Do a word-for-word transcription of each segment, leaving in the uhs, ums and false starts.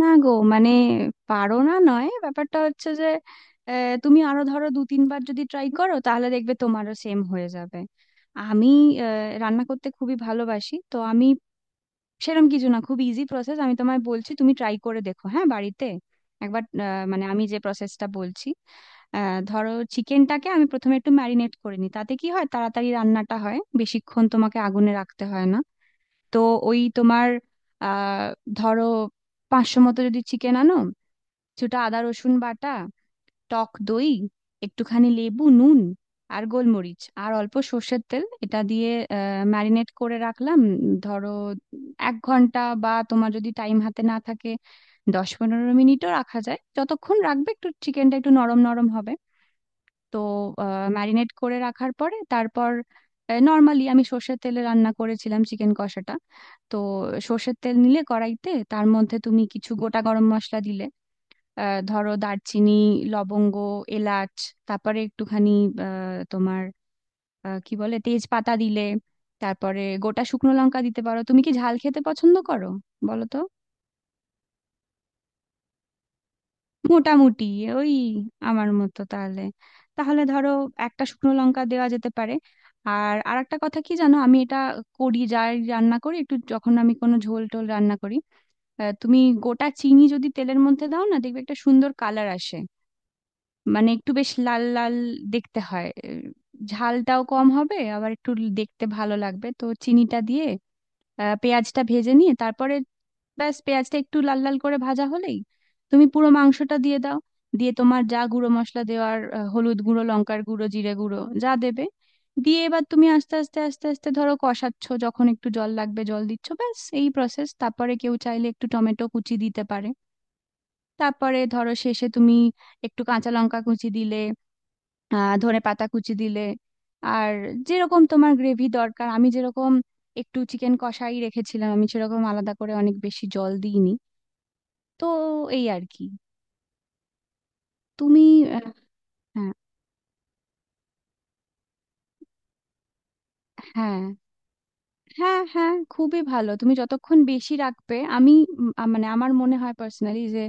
না গো মানে পারো না নয় ব্যাপারটা হচ্ছে যে আহ, তুমি আরো ধরো দু তিনবার যদি ট্রাই করো তাহলে দেখবে তোমারও সেম হয়ে যাবে। আমি আহ, রান্না করতে খুবই ভালোবাসি তো। আমি সেরকম কিছু না, খুব ইজি প্রসেস। আমি তোমায় বলছি তুমি ট্রাই করে দেখো, হ্যাঁ, বাড়িতে একবার। আহ, মানে আমি যে প্রসেসটা বলছি, আহ, ধরো চিকেনটাকে আমি প্রথমে একটু ম্যারিনেট করে নিই, তাতে কি হয় তাড়াতাড়ি রান্নাটা হয়, বেশিক্ষণ তোমাকে আগুনে রাখতে হয় না। তো ওই তোমার আহ ধরো পাঁচশো মতো যদি চিকেন আনো, কিছুটা আদা রসুন বাটা, টক দই, একটুখানি লেবু নুন, আর গোলমরিচ আর অল্প সর্ষের তেল, এটা দিয়ে ম্যারিনেট করে রাখলাম, উম, ধরো এক ঘন্টা, বা তোমার যদি টাইম হাতে না থাকে দশ পনেরো মিনিটও রাখা যায়। যতক্ষণ রাখবে একটু চিকেনটা একটু নরম নরম হবে। তো ম্যারিনেট করে রাখার পরে তারপর নর্মালি আমি সর্ষের তেলে রান্না করেছিলাম চিকেন কষাটা। তো সর্ষের তেল নিলে কড়াইতে তার মধ্যে তুমি কিছু গোটা গরম মশলা দিলে, আহ, ধরো দারচিনি, লবঙ্গ, এলাচ, তারপরে একটুখানি আহ, তোমার আহ, কি বলে তেজপাতা দিলে, তারপরে গোটা শুকনো লঙ্কা দিতে পারো। তুমি কি ঝাল খেতে পছন্দ করো, বলো তো? মোটামুটি ওই আমার মতো তাহলে। তাহলে ধরো একটা শুকনো লঙ্কা দেওয়া যেতে পারে। আর আরেকটা কথা কি জানো, আমি এটা করি, যাই রান্না করি, একটু যখন আমি কোনো ঝোল টোল রান্না করি, আহ, তুমি গোটা চিনি যদি তেলের মধ্যে দাও না, দেখবে একটা সুন্দর কালার আসে, মানে একটু বেশ লাল লাল দেখতে হয়। আহ, ঝালটাও কম হবে, আবার একটু দেখতে ভালো লাগবে। তো চিনিটা দিয়ে আহ, পেঁয়াজটা ভেজে নিয়ে তারপরে ব্যাস, পেঁয়াজটা একটু লাল লাল করে ভাজা হলেই তুমি পুরো মাংসটা দিয়ে দাও। দিয়ে তোমার যা গুঁড়ো মশলা দেওয়ার, আহ, হলুদ গুঁড়ো, লঙ্কার গুঁড়ো, জিরে গুঁড়ো, যা দেবে দিয়ে এবার তুমি আস্তে আস্তে আস্তে আস্তে ধরো কষাচ্ছ, যখন একটু জল লাগবে জল দিচ্ছ, ব্যাস এই প্রসেস। তারপরে কেউ চাইলে একটু টমেটো কুচি দিতে পারে। তারপরে ধরো শেষে তুমি একটু কাঁচা লঙ্কা কুচি দিলে, আহ ধনে পাতা কুচি দিলে। আর যেরকম তোমার গ্রেভি দরকার, আমি যেরকম একটু চিকেন কষাই রেখেছিলাম, আমি সেরকম আলাদা করে অনেক বেশি জল দিইনি। তো এই আর কি। তুমি আহ, হ্যাঁ হ্যাঁ হ্যাঁ হ্যাঁ খুবই ভালো, তুমি যতক্ষণ বেশি রাখবে। আমি উম, আ- মানে আমার মনে হয় পার্সোনালি যে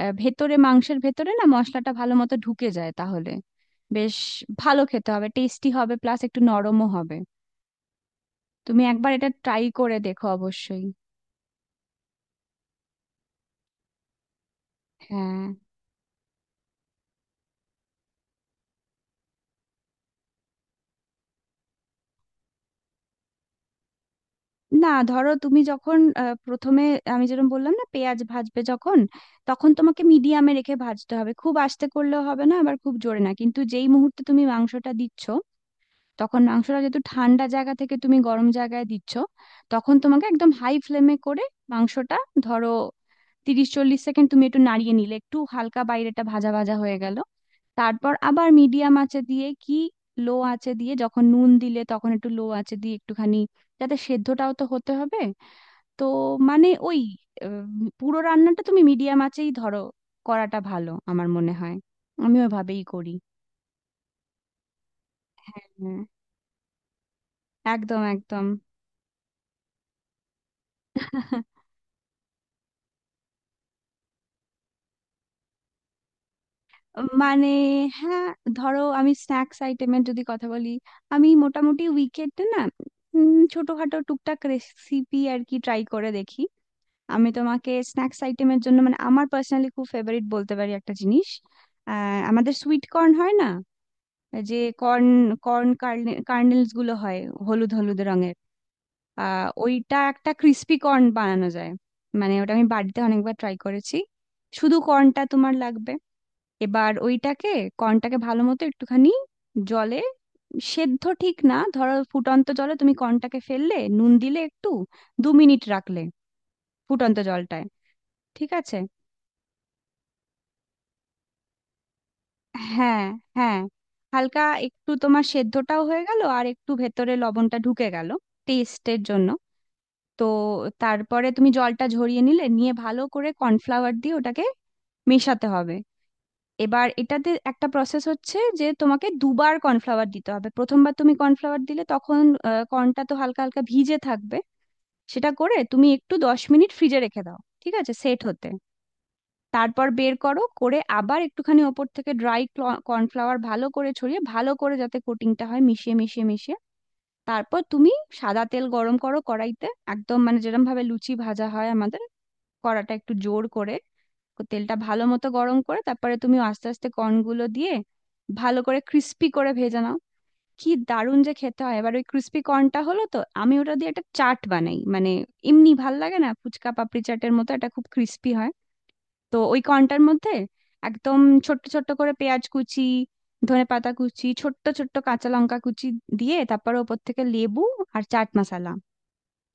আহ, ভেতরে মাংসের ভেতরে না মশলাটা ভালো মতো ঢুকে যায় তাহলে বেশ ভালো খেতে হবে, টেস্টি হবে, প্লাস একটু নরমও হবে। তুমি একবার এটা ট্রাই করে দেখো অবশ্যই। হ্যাঁ। না ধরো তুমি যখন আহ, প্রথমে আমি যেরকম বললাম না পেঁয়াজ ভাজবে যখন, তখন তোমাকে মিডিয়ামে রেখে ভাজতে হবে, খুব আস্তে করলেও হবে না, আবার খুব জোরে না। কিন্তু যেই মুহূর্তে তুমি মাংসটা দিচ্ছ, তখন মাংসটা যেহেতু ঠান্ডা জায়গা থেকে তুমি গরম জায়গায় দিচ্ছ, তখন তোমাকে একদম হাই ফ্লেমে করে মাংসটা ধরো তিরিশ চল্লিশ সেকেন্ড তুমি একটু নাড়িয়ে নিলে একটু হালকা বাইরেটা ভাজা ভাজা হয়ে গেল। তারপর আবার মিডিয়াম আঁচে দিয়ে কি লো আঁচে দিয়ে যখন নুন দিলে তখন একটু লো আঁচে দিয়ে একটুখানি, যাতে সেদ্ধটাও তো হতে হবে। তো মানে ওই উম, পুরো রান্নাটা তুমি মিডিয়াম আঁচেই ধরো করাটা ভালো আমার মনে হয়, আমি ওইভাবেই করি। হ্যাঁ, একদম একদম। মানে হ্যাঁ, ধরো আমি স্ন্যাক্স আইটেমের যদি কথা বলি, আমি মোটামুটি উইকেটে না উম, ছোটখাটো টুকটাক রেসিপি আর কি ট্রাই করে দেখি। আমি তোমাকে স্ন্যাক্স আইটেমের জন্য মানে আমার পার্সোনালি খুব ফেভারিট বলতে পারি একটা জিনিস, আহ, আমাদের সুইট কর্ন হয় না, যে কর্ন, কর্ন কার্নেলস গুলো হয় হলুদ হলুদ রঙের, আহ ওইটা একটা ক্রিস্পি কর্ন বানানো যায়। মানে ওটা আমি বাড়িতে অনেকবার ট্রাই করেছি। শুধু কর্নটা তোমার লাগবে। এবার ওইটাকে কর্নটাকে ভালো মতো একটুখানি জলে সেদ্ধ ঠিক না, ধরো ফুটন্ত জলে তুমি কর্নটাকে ফেললে নুন দিলে একটু, দু মিনিট রাখলে ফুটন্ত জলটায়। ঠিক আছে। হ্যাঁ হ্যাঁ, হালকা একটু তোমার সেদ্ধটাও হয়ে গেল আর একটু ভেতরে লবণটা ঢুকে গেল টেস্টের জন্য। তো তারপরে তুমি জলটা ঝরিয়ে নিলে, নিয়ে ভালো করে কর্নফ্লাওয়ার দিয়ে ওটাকে মেশাতে হবে। এবার এটাতে একটা প্রসেস হচ্ছে যে তোমাকে দুবার কর্নফ্লাওয়ার দিতে হবে, প্রথমবার তুমি কর্নফ্লাওয়ার দিলে তখন কর্নটা তো হালকা হালকা ভিজে থাকবে, সেটা করে তুমি একটু দশ মিনিট ফ্রিজে রেখে দাও, ঠিক আছে, সেট হতে। তারপর বের করো, করে আবার একটুখানি ওপর থেকে ড্রাই কর্নফ্লাওয়ার ভালো করে ছড়িয়ে ভালো করে যাতে কোটিংটা হয় মিশিয়ে মিশিয়ে মিশিয়ে। তারপর তুমি সাদা তেল গরম করো কড়াইতে, একদম মানে যেরকম ভাবে লুচি ভাজা হয় আমাদের, কড়াটা একটু জোর করে তেলটা ভালো মতো গরম করে তারপরে তুমি আস্তে আস্তে কর্নগুলো দিয়ে ভালো করে ক্রিস্পি করে ভেজে নাও। কি দারুণ যে খেতে হয়! এবার ওই ক্রিস্পি কর্নটা হলো তো আমি ওটা দিয়ে একটা চাট বানাই, মানে এমনি ভাল লাগে না, ফুচকা পাপড়ি চাটের মতো, এটা খুব ক্রিস্পি হয়। তো ওই কর্নটার মধ্যে একদম ছোট্ট ছোট্ট করে পেঁয়াজ কুচি, ধনেপাতা কুচি, ছোট্ট ছোট্ট কাঁচা লঙ্কা কুচি দিয়ে তারপর ওপর থেকে লেবু আর চাট মশলা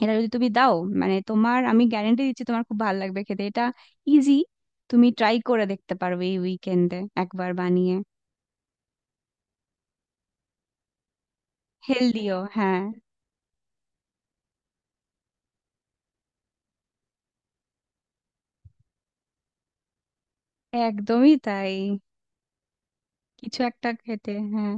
এটা যদি তুমি দাও, মানে তোমার, আমি গ্যারেন্টি দিচ্ছি, তোমার খুব ভালো লাগবে খেতে এটা। ইজি, তুমি ট্রাই করে দেখতে পারবে এই উইকেন্ডে একবার বানিয়ে। হেলদিও, হ্যাঁ, একদমই তাই, কিছু একটা খেতে, হ্যাঁ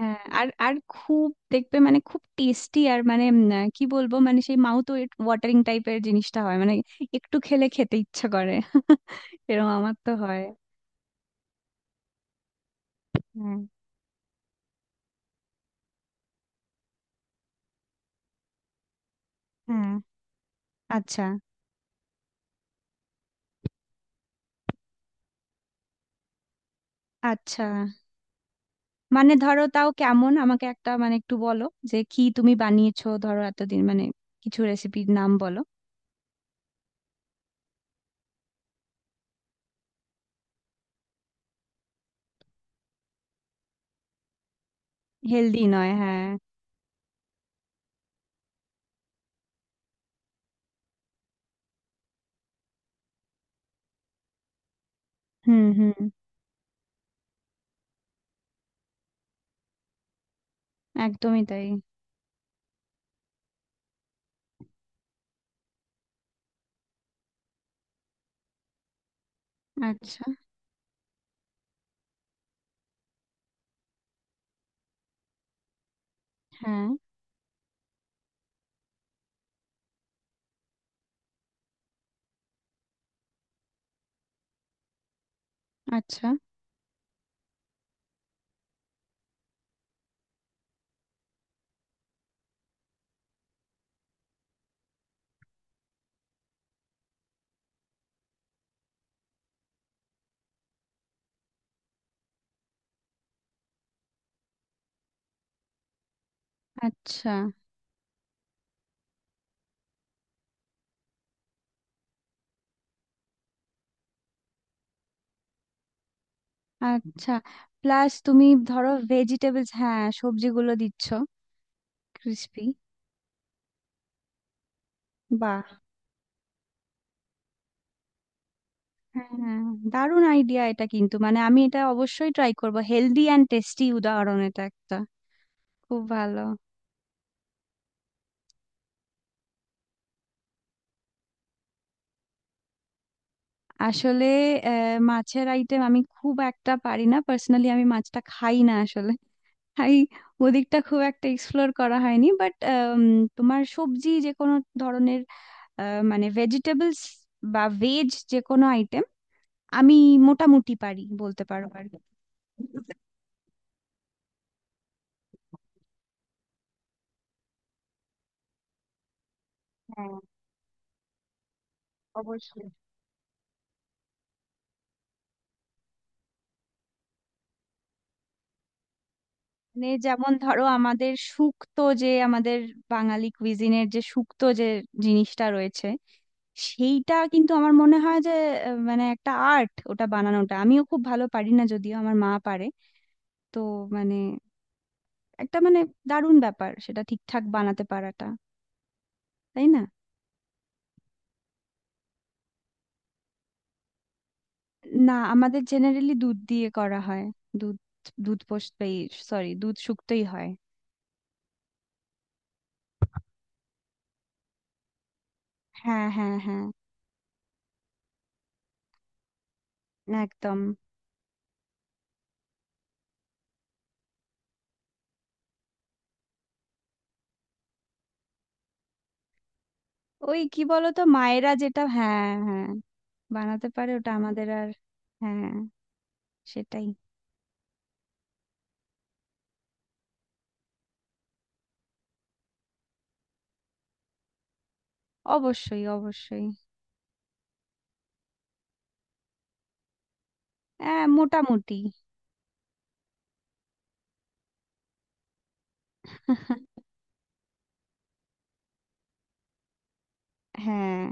হ্যাঁ। আর আর খুব দেখবে মানে খুব টেস্টি আর মানে উম, আহ, কি বলবো, মানে সেই মাউথ ওয়াটারিং টাইপের জিনিসটা হয় মানে, একটু খেলে খেতে ইচ্ছা করে এরকম আমার তো হয়। হ্যাঁ হ্যাঁ। আচ্ছা আচ্ছা, মানে ধরো তাও কেমন আমাকে একটা মানে একটু বলো, যে কি তুমি বানিয়েছো ধরো এতদিন, মানে কিছু রেসিপির নাম বলো। হেলদি নয়, হ্যাঁ। হুম হুম। একদমই তাই। আচ্ছা, হ্যাঁ, আচ্ছা আচ্ছা আচ্ছা। প্লাস তুমি ধরো ভেজিটেবলস, হ্যাঁ, সবজিগুলো দিচ্ছ, ক্রিস্পি। বাহ, হ্যাঁ, দারুণ আইডিয়া এটা কিন্তু, মানে আমি এটা অবশ্যই ট্রাই করব। হেলদি অ্যান্ড টেস্টি উদাহরণ এটা একটা, খুব ভালো। আসলে আহ, মাছের আইটেম আমি খুব একটা পারি না, পার্সোনালি আমি মাছটা খাই না আসলে, তাই ওদিকটা খুব একটা এক্সপ্লোর করা হয়নি। বাট তোমার সবজি, যে কোনো ধরনের, আহ, মানে ভেজিটেবলস বা ভেজ, যে কোনো আইটেম আমি মোটামুটি পারি বলতে পারো আর কি। মানে যেমন ধরো আমাদের শুক্তো যে, আমাদের বাঙালি কুইজিনের যে শুক্তো যে জিনিসটা রয়েছে, সেইটা কিন্তু আমার মনে হয় যে আহ, মানে একটা আর্ট, ওটা বানানোটা আমিও খুব ভালো পারি না, যদিও আমার মা পারে। তো মানে একটা মানে দারুণ ব্যাপার সেটা ঠিকঠাক বানাতে পারাটা, তাই না? না, আমাদের জেনারেলি দুধ দিয়ে করা হয়, দুধ, দুধ পোস্ত, সরি দুধ শুক্তোই হয়। হ্যাঁ হ্যাঁ হ্যাঁ, একদম। ওই কি বলতো মায়েরা যেটা, হ্যাঁ হ্যাঁ, বানাতে পারে ওটা আমাদের আর। হ্যাঁ সেটাই। অবশ্যই অবশ্যই। হ্যাঁ মোটামুটি। হ্যাঁ।